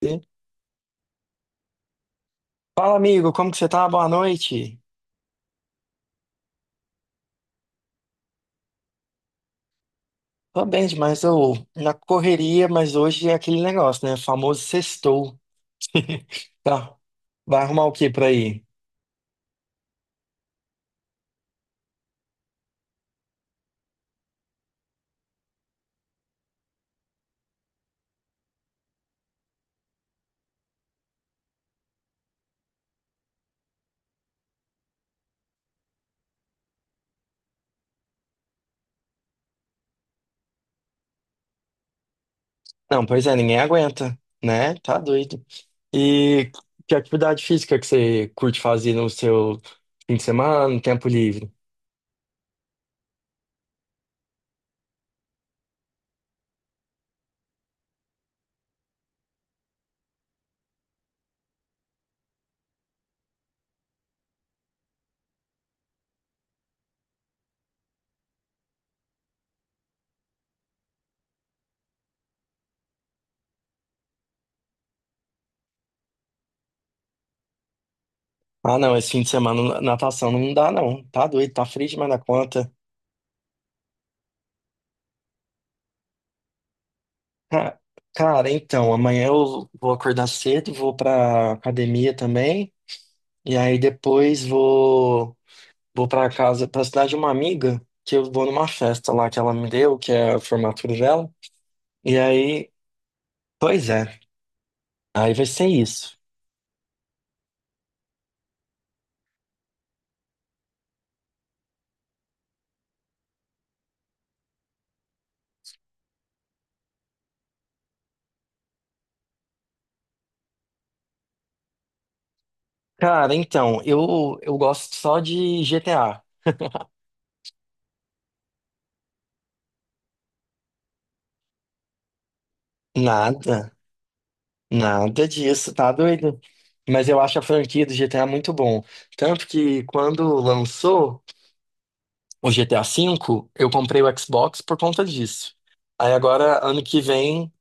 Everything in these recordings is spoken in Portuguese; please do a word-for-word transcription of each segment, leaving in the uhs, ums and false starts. E- Fala, amigo, como que você tá? Boa noite. Tô bem demais, eu na correria, mas hoje é aquele negócio, né? Famoso sextou. Tá. Vai arrumar o que por aí? Não, pois é, ninguém aguenta, né? Tá doido. E que atividade física que você curte fazer no seu fim de semana, no tempo livre? Ah, não, esse fim de semana natação não dá, não. Tá doido, tá frio demais na conta. Ca- Cara, então, amanhã eu vou acordar cedo, vou pra academia também. E aí depois vou vou para casa, para cidade de uma amiga, que eu vou numa festa lá que ela me deu, que é a formatura dela. E aí, pois é, aí vai ser isso. Cara, então, eu eu gosto só de G T A. Nada, nada disso, tá doido? Mas eu acho a franquia do G T A muito bom. Tanto que quando lançou o G T A vê, eu comprei o Xbox por conta disso. Aí agora, ano que vem,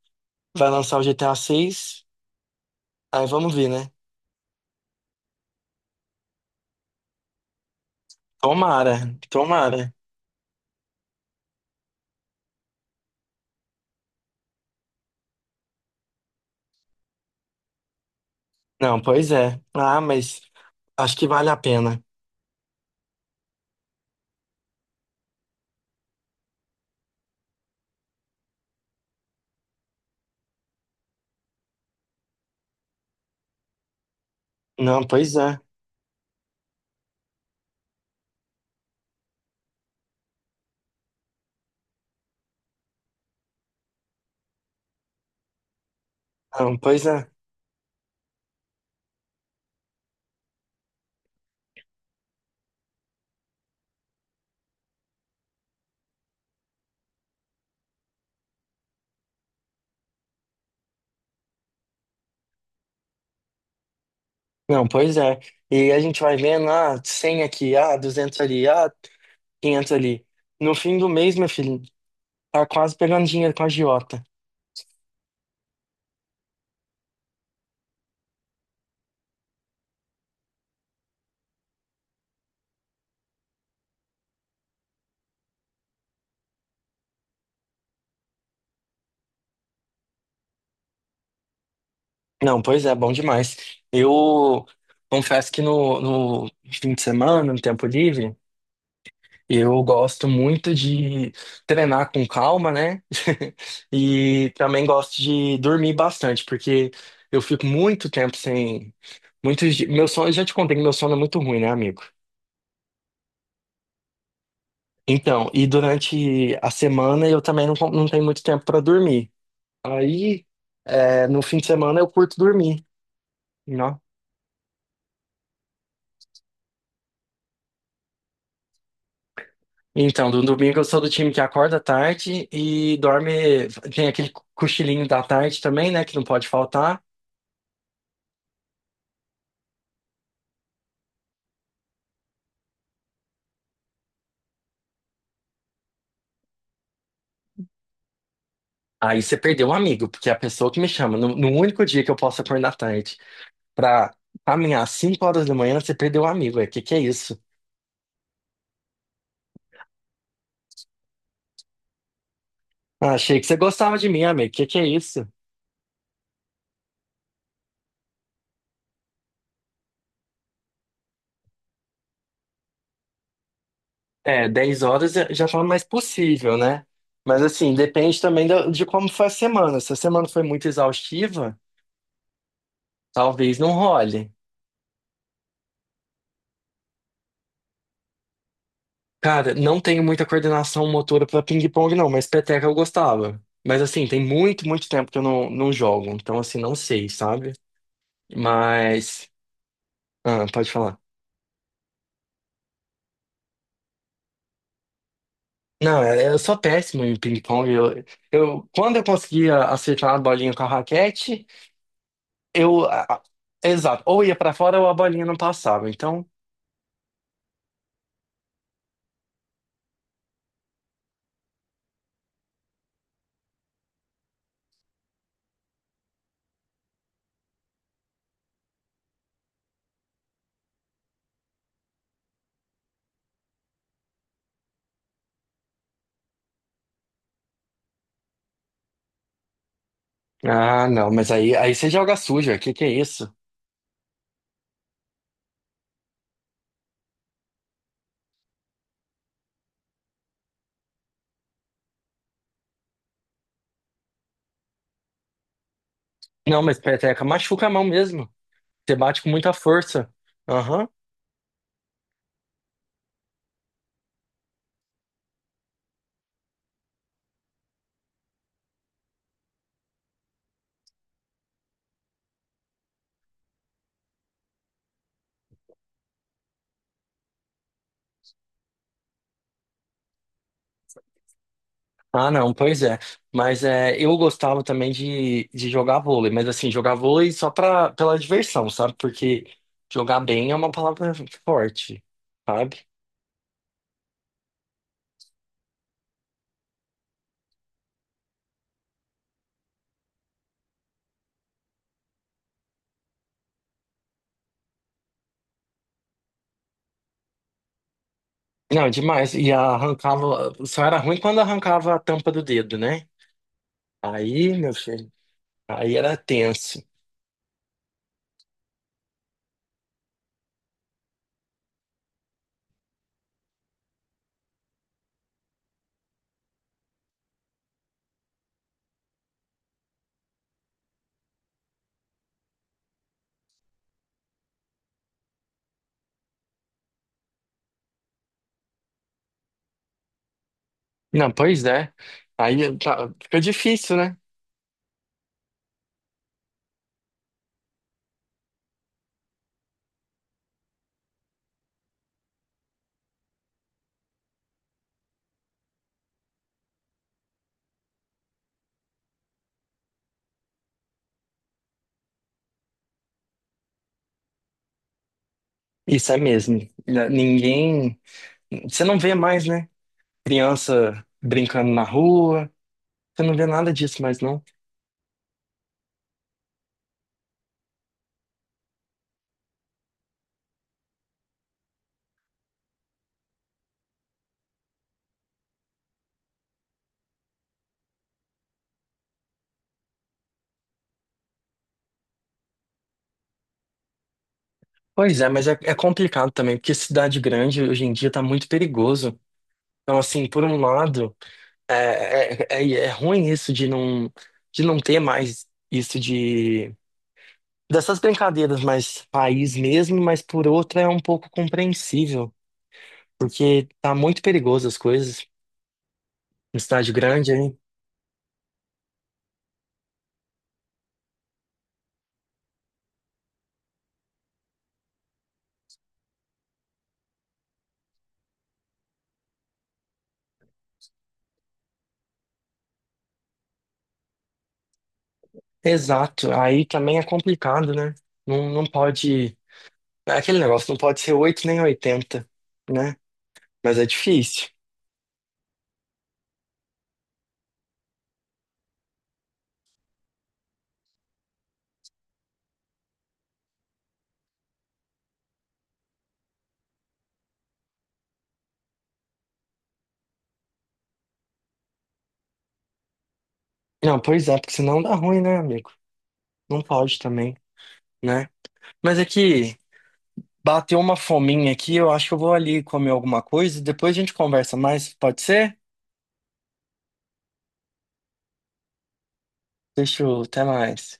vai lançar o G T A seis. Aí vamos ver, né? Tomara, tomara. Não, pois é. Ah, mas acho que vale a pena. Não, pois é. Não, pois é. Não, pois é. E a gente vai vendo, ah, cem aqui, ah, duzentos ali, ah, quinhentos ali. No fim do mês, meu filho, tá quase pegando dinheiro com a agiota. Não, pois é, bom demais. Eu confesso que no, no fim de semana, no tempo livre, eu gosto muito de treinar com calma, né? E também gosto de dormir bastante, porque eu fico muito tempo sem. Muitos di- Meu sono, eu já te contei que meu sono é muito ruim, né, amigo? Então, e durante a semana eu também não, con- não tenho muito tempo para dormir. Aí, é, no fim de semana eu curto dormir. Né? Então, no domingo eu sou do time que acorda tarde e dorme. Tem aquele cu- cochilinho da tarde também, né? Que não pode faltar. Aí você perdeu um amigo, porque é a pessoa que me chama, no, no único dia que eu posso acordar tarde pra caminhar às cinco horas da manhã, você perdeu um amigo. O que que é isso? Ah, achei que você gostava de mim, amigo. O que que é isso? É, dez horas já já tá mais possível, né? Mas assim, depende também da- de como foi a semana. Se a semana foi muito exaustiva, talvez não role. Cara, não tenho muita coordenação motora pra ping-pong, não, mas peteca eu gostava. Mas assim, tem muito, muito tempo que eu não, não jogo. Então, assim, não sei, sabe? Mas. Ah, pode falar. Não, é- eu sou péssimo em ping-pong. Eu, eu, quando eu conseguia acertar a bolinha com a raquete, eu. a- a- exato. Ou ia pra fora ou a bolinha não passava. Então. Ah, não, mas aí, aí você joga suja, que que é isso? Não, mas peteca machuca a mão mesmo. Você bate com muita força. Aham. Ah, não, pois é. Mas é, eu gostava também de, de jogar vôlei, mas assim, jogar vôlei só pra, pela diversão, sabe? Porque jogar bem é uma palavra forte, sabe? Não, é demais. E arrancava, só era ruim quando arrancava a tampa do dedo, né? Aí, meu filho, aí era tenso. Não, pois é. Aí tá, fica difícil, né? Isso é mesmo. N- Ninguém. Você não vê mais, né? Criança brincando na rua. Você não vê nada disso mais, não. Pois é, mas é, é complicado também, porque cidade grande hoje em dia tá muito perigoso. Então, assim, por um lado, é, é, é, é ruim isso de não, de não ter mais isso de. Dessas brincadeiras mais país mesmo, mas por outra é um pouco compreensível, porque tá muito perigoso as coisas em cidade grande. Exato, aí também é complicado, né? Não, não pode. é Aquele negócio não pode ser oito nem oitenta, né? Mas é difícil. Não, pois é, porque senão dá ruim, né, amigo? Não pode também, né? Mas é que bateu uma fominha aqui, eu acho que eu vou ali comer alguma coisa e depois a gente conversa mais, pode ser? Deixa eu, até mais.